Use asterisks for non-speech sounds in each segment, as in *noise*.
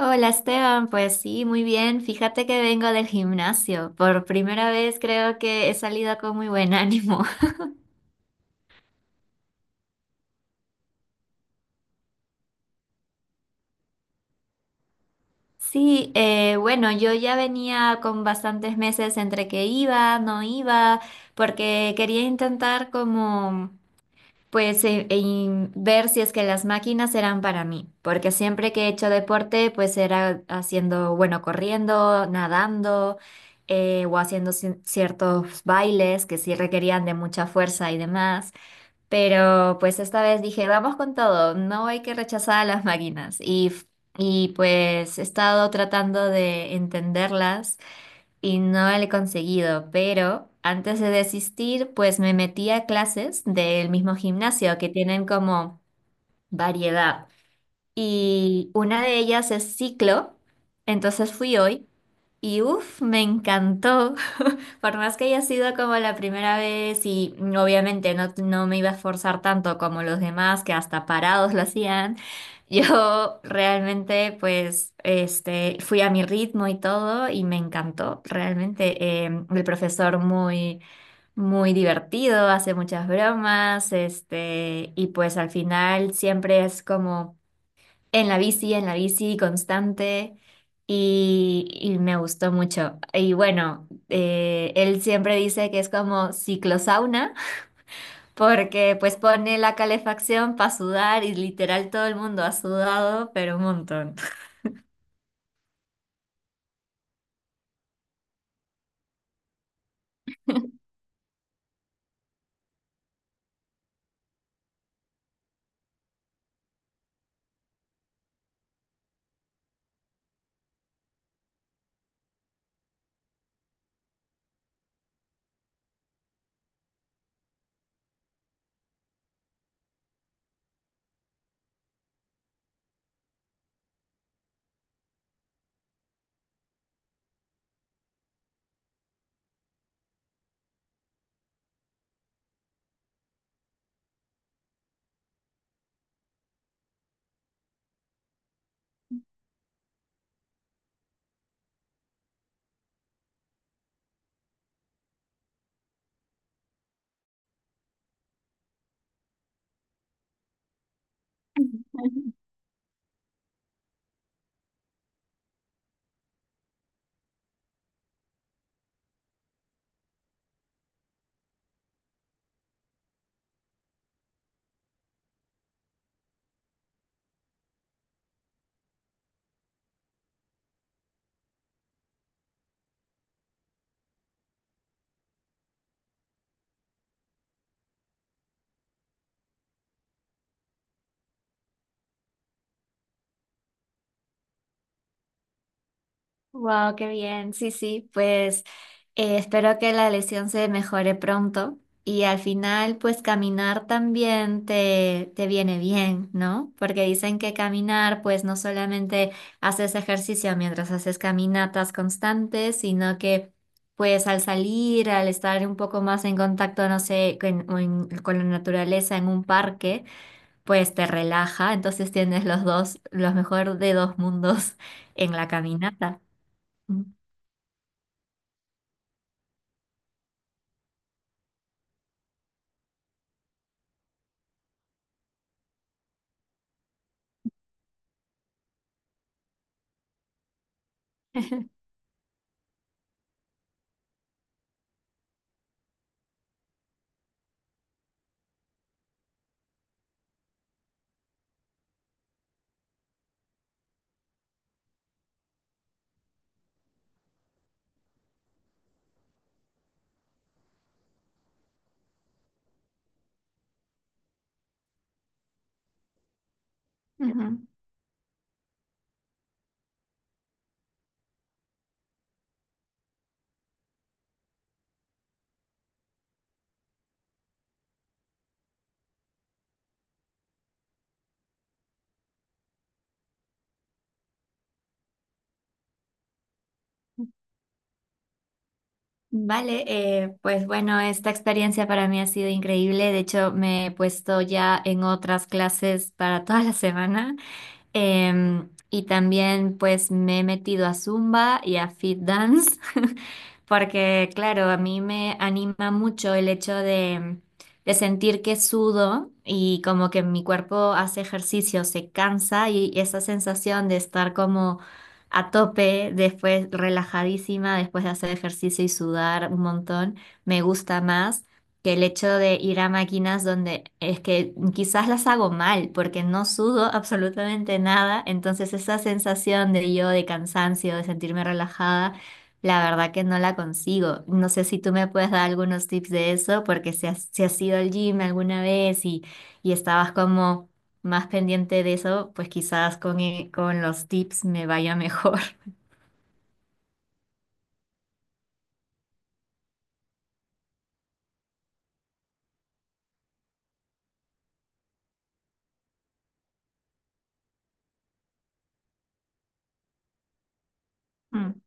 Hola Esteban, pues sí, muy bien. Fíjate que vengo del gimnasio. Por primera vez creo que he salido con muy buen ánimo. *laughs* Sí, bueno, yo ya venía con bastantes meses entre que iba, no iba, porque quería intentar como... Pues en ver si es que las máquinas eran para mí, porque siempre que he hecho deporte, pues era haciendo, bueno, corriendo, nadando, o haciendo ciertos bailes que sí requerían de mucha fuerza y demás. Pero pues esta vez dije, vamos con todo, no hay que rechazar a las máquinas. Y pues he estado tratando de entenderlas y no lo he conseguido, pero antes de desistir, pues me metí a clases del mismo gimnasio que tienen como variedad. Y una de ellas es ciclo, entonces fui hoy y uff, me encantó. *laughs* Por más que haya sido como la primera vez y obviamente no me iba a esforzar tanto como los demás, que hasta parados *laughs* lo hacían, yo realmente pues este, fui a mi ritmo y todo y me encantó realmente. Eh, el profesor muy, muy divertido, hace muchas bromas este, y pues al final siempre es como... en la bici constante y me gustó mucho. Y bueno, él siempre dice que es como ciclosauna *laughs* porque pues pone la calefacción para sudar y literal todo el mundo ha sudado, pero un montón. *laughs* Wow, qué bien. Sí, sí, pues espero que la lesión se mejore pronto y al final, pues caminar también te viene bien, ¿no? Porque dicen que caminar, pues no solamente haces ejercicio mientras haces caminatas constantes, sino que pues al salir, al estar un poco más en contacto, no sé, con la naturaleza en un parque, pues te relaja, entonces tienes los dos, los mejor de dos mundos en la caminata. *laughs* Ujú. Vale, pues bueno, esta experiencia para mí ha sido increíble. De hecho, me he puesto ya en otras clases para toda la semana. Y también pues me he metido a Zumba y a Fit Dance, *laughs* porque claro, a mí me anima mucho el hecho de sentir que sudo y como que mi cuerpo hace ejercicio, se cansa y esa sensación de estar como a tope, después relajadísima, después de hacer ejercicio y sudar un montón, me gusta más que el hecho de ir a máquinas donde es que quizás las hago mal porque no sudo *laughs* absolutamente nada. Entonces esa sensación de yo de cansancio, de sentirme relajada, la verdad que no la consigo. No sé si tú me puedes dar algunos tips de eso porque si has ido al gym alguna vez y estabas como más pendiente de eso, pues quizás con los tips me vaya mejor. Mm.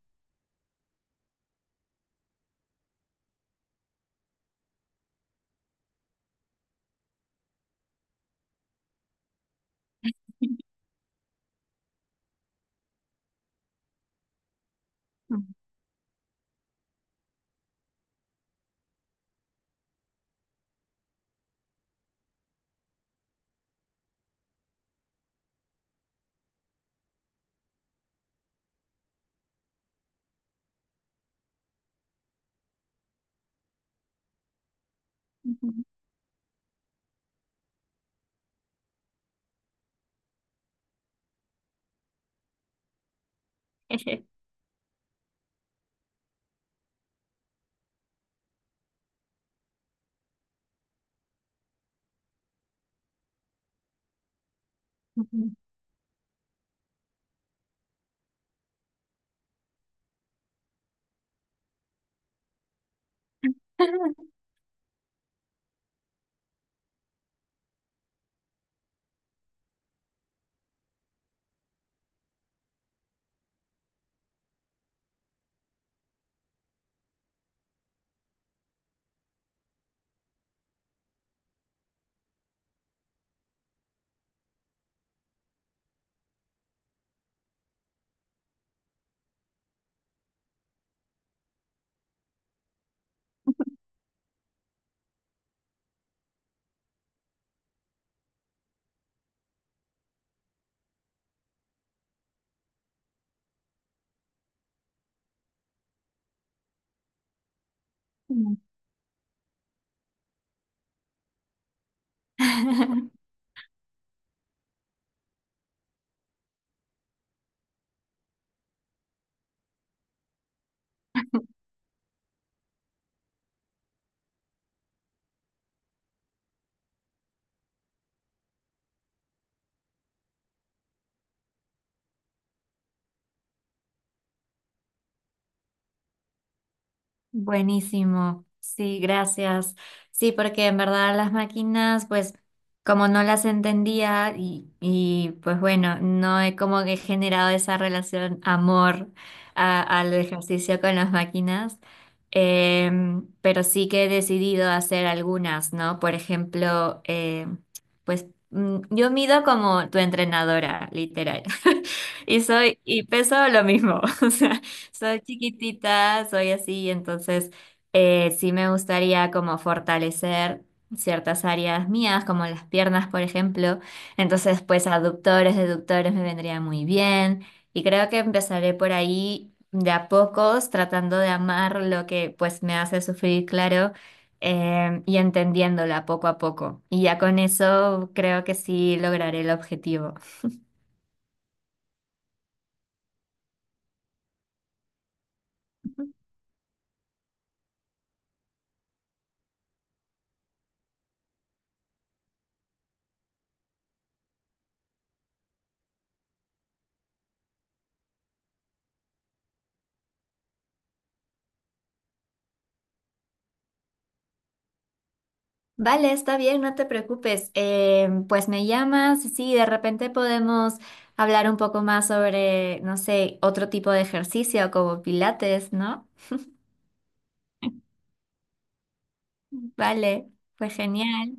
*laughs* *laughs* Buenísimo, sí, gracias. Sí, porque en verdad las máquinas, pues como no las entendía y, pues bueno, no he como que generado esa relación amor al ejercicio con las máquinas. Pero sí que he decidido hacer algunas, ¿no? Por ejemplo, em, pues mm, yo mido como tu entrenadora, literal. *laughs* Y soy, y peso lo mismo. *laughs* Soy chiquitita, soy así, entonces sí me gustaría como fortalecer ciertas áreas mías, como las piernas, por ejemplo. Entonces, pues aductores, deductores me vendría muy bien. Y creo que empezaré por ahí de a pocos, tratando de amar lo que pues me hace sufrir, claro, y entendiéndola poco a poco. Y ya con eso creo que sí lograré el objetivo. Vale, está bien, no te preocupes. Pues me llamas y sí, de repente podemos hablar un poco más sobre, no sé, otro tipo de ejercicio como pilates, ¿no? Vale, fue genial.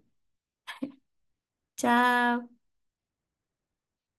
Chao.